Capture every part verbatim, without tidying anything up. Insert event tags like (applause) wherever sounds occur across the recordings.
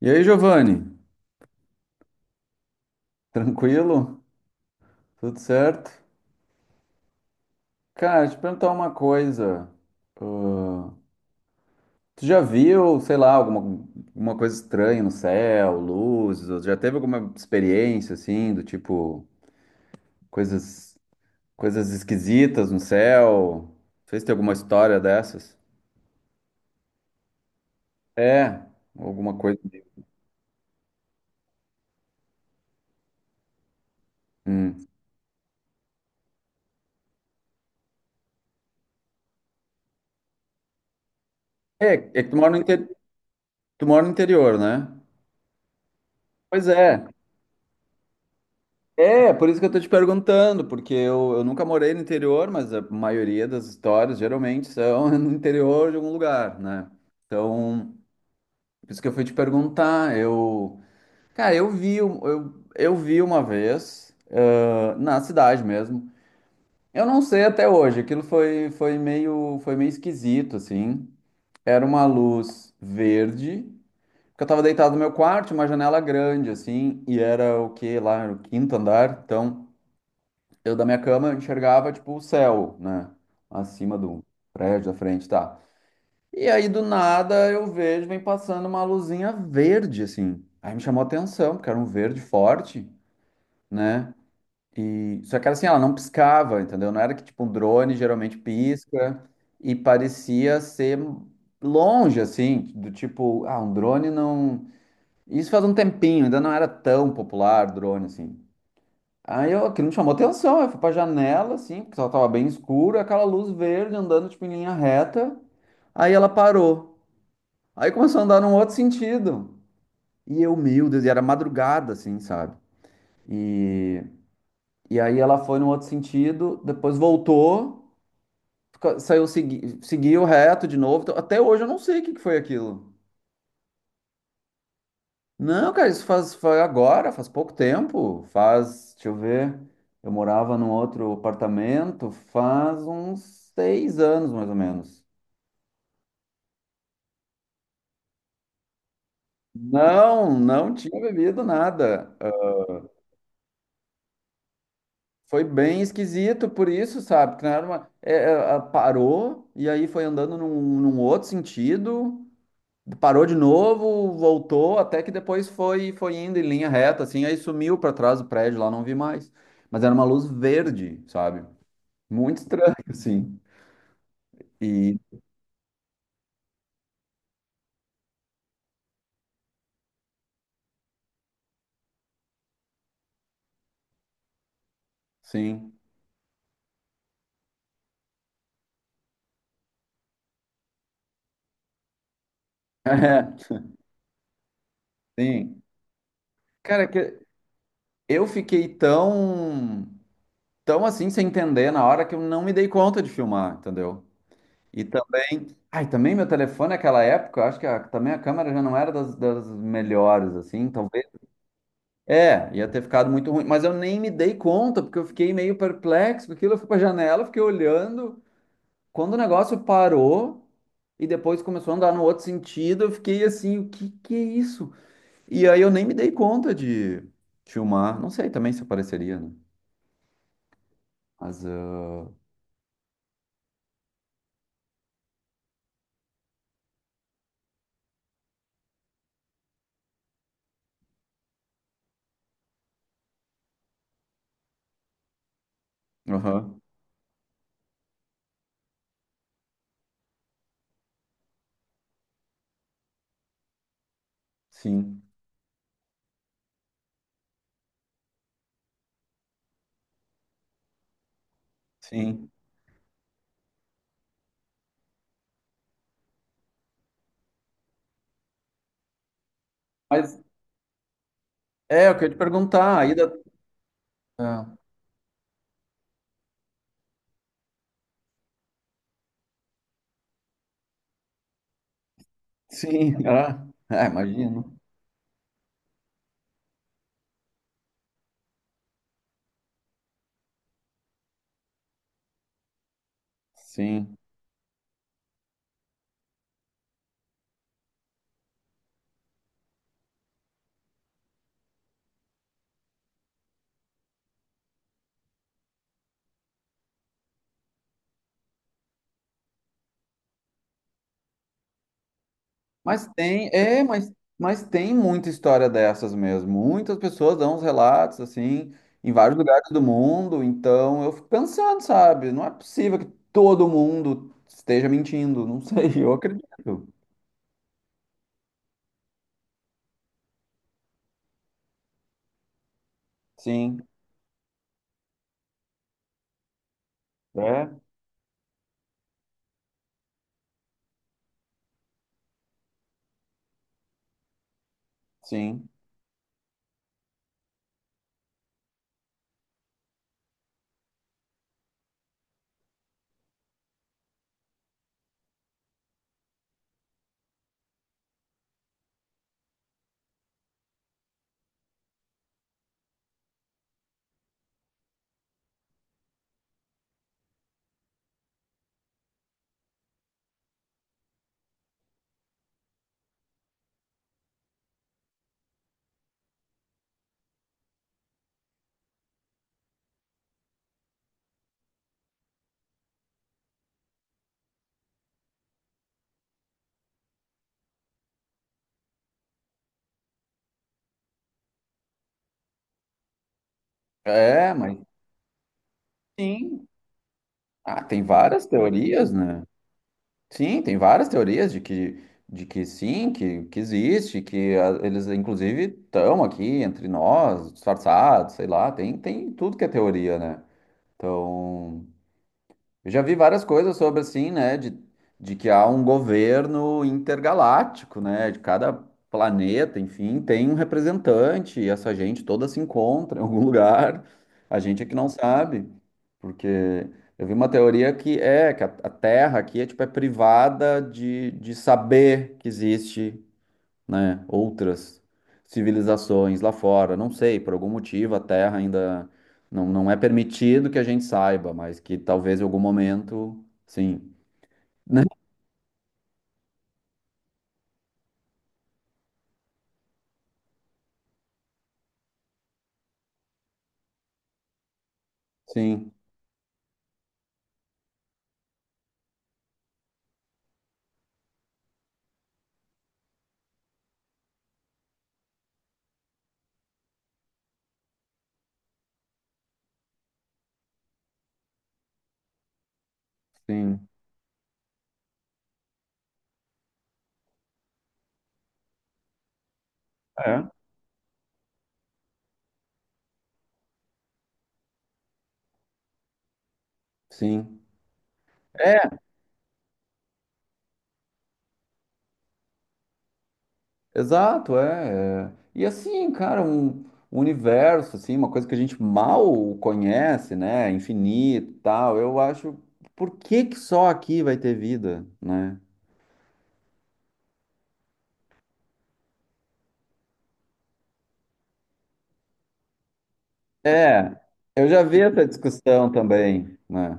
E aí, Giovanni? Tranquilo? Tudo certo? Cara, te perguntar uma coisa. Ah, tu já viu, sei lá, alguma, alguma coisa estranha no céu, luzes? Ou já teve alguma experiência assim, do tipo, coisas, coisas esquisitas no céu? Não sei se tem alguma história dessas. É, alguma coisa. Hum. É, é que tu mora no, inte- tu mora no interior, né? Pois é. É, por isso que eu tô te perguntando, porque eu, eu nunca morei no interior, mas a maioria das histórias geralmente são (laughs) no interior de algum lugar, né? Então, por isso que eu fui te perguntar. Eu, cara, eu vi, um- eu, eu vi uma vez, ah, na cidade mesmo. Eu não sei até hoje, aquilo foi, foi meio, foi meio esquisito, assim. Era uma luz verde, porque eu tava deitado no meu quarto, uma janela grande, assim, e era o quê lá, era o quinto andar, então eu da minha cama eu enxergava tipo o céu, né? Acima do prédio da frente, tá? E aí do nada eu vejo, vem passando uma luzinha verde, assim. Aí me chamou a atenção, porque era um verde forte, né? E só que era assim, ela não piscava, entendeu? Não era que tipo um drone geralmente pisca e parecia ser longe, assim, do tipo, ah, um drone não. Isso faz um tempinho, ainda não era tão popular drone assim. Aí eu, aquilo me chamou atenção, eu fui pra janela, assim, porque ela tava bem escura, aquela luz verde andando, tipo, em linha reta. Aí ela parou. Aí começou a andar num outro sentido. E eu, meu Deus, e era madrugada, assim, sabe? E, e aí ela foi num outro sentido, depois voltou, fica- saiu, segui, seguiu reto de novo. Então, até hoje eu não sei o que que foi aquilo. Não, cara, isso faz, foi agora, faz pouco tempo. Faz, deixa eu ver, eu morava num outro apartamento faz uns seis anos, mais ou menos. Não, não tinha bebido nada. Ah, foi bem esquisito por isso, sabe? Que não era uma- é, é, ah, parou e aí foi andando num, num outro sentido, parou de novo, voltou, até que depois foi, foi indo em linha reta, assim, aí sumiu para trás do prédio lá, não vi mais. Mas era uma luz verde, sabe? Muito estranho, (laughs) sim. E sim. (laughs) É, sim. Cara, que eu fiquei tão, tão assim sem entender na hora que eu não me dei conta de filmar, entendeu? E também, ai, também meu telefone naquela época, eu acho que a- também a câmera já não era das, das melhores, assim, talvez. É, ia ter ficado muito ruim, mas eu nem me dei conta, porque eu fiquei meio perplexo com aquilo. Eu fui pra janela, fiquei olhando. Quando o negócio parou e depois começou a andar no outro sentido, eu fiquei assim, o que que é isso? E aí eu nem me dei conta de filmar. Não sei também se apareceria, né? Mas, ah, aham, sim, sim. Mas é, eu queria te perguntar, aí da... Ah, sim, (laughs) ah, é, imagino. Sim. Mas tem, é, mas, mas tem muita história dessas mesmo. Muitas pessoas dão uns relatos, assim, em vários lugares do mundo. Então eu fico pensando, sabe? Não é possível que todo mundo esteja mentindo. Não sei, (laughs) eu acredito. Sim, é, sim. É, mas sim. Ah, tem várias teorias, né? Sim, tem várias teorias de que, de que sim, que, que existe, que ah, eles inclusive estão aqui entre nós, disfarçados, sei lá, tem, tem tudo que é teoria, né? Então, eu já vi várias coisas sobre assim, né, de, de que há um governo intergaláctico, né, de cada planeta, enfim, tem um representante, e essa gente toda se encontra em algum (laughs) lugar. A gente é que não sabe, porque eu vi uma teoria que é que a, a Terra aqui é tipo é privada de, de saber que existe, né, outras civilizações lá fora. Não sei, por algum motivo a Terra ainda não, não é permitido que a gente saiba, mas que talvez em algum momento, sim, né? Sim, sim, é. Sim. É, exato, é. É. E assim, cara, um, um universo, assim, uma coisa que a gente mal conhece, né? Infinito, e tal. Eu acho, por que que só aqui vai ter vida, né? É, eu já vi essa discussão também, né?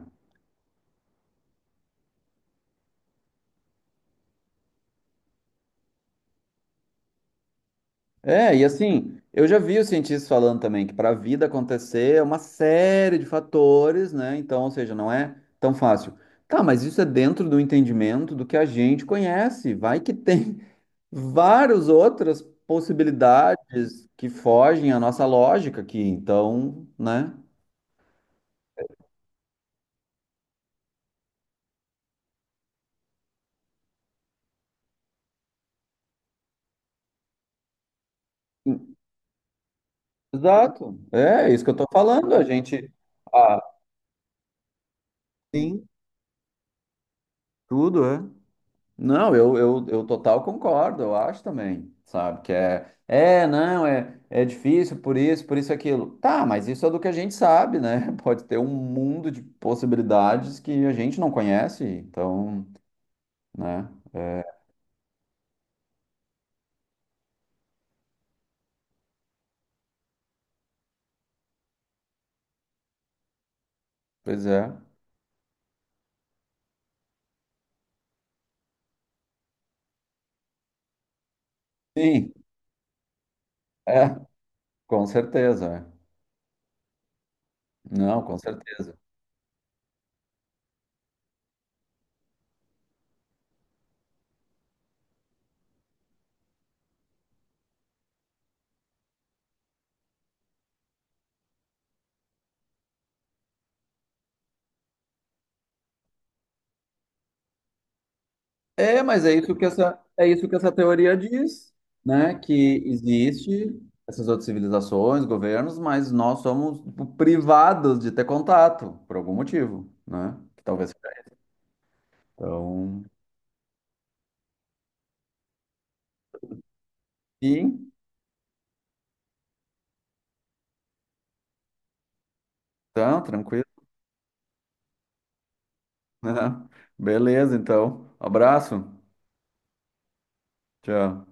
É, e assim, eu já vi os cientistas falando também que para a vida acontecer é uma série de fatores, né? Então, ou seja, não é tão fácil. Tá, mas isso é dentro do entendimento do que a gente conhece. Vai que tem (laughs) várias outras possibilidades que fogem à nossa lógica aqui. Então, né? Exato. É é isso que eu tô falando. A gente. Ah, sim, tudo é. Não, eu, eu, eu total concordo, eu acho também, sabe? Que é, é, não, é, é difícil por isso, por isso, aquilo. Tá, mas isso é do que a gente sabe, né? (laughs) Pode ter um mundo de possibilidades que a gente não conhece, então, né? É, pois é. Sim, é, com certeza. É. Não, com certeza. É, mas é isso que essa, é isso que essa teoria diz, né? Que existe essas outras civilizações, governos, mas nós somos tipo, privados de ter contato, por algum motivo, né? Que talvez. Então, sim, então, tranquilo, (laughs) né? Beleza, então. Abraço. Tchau.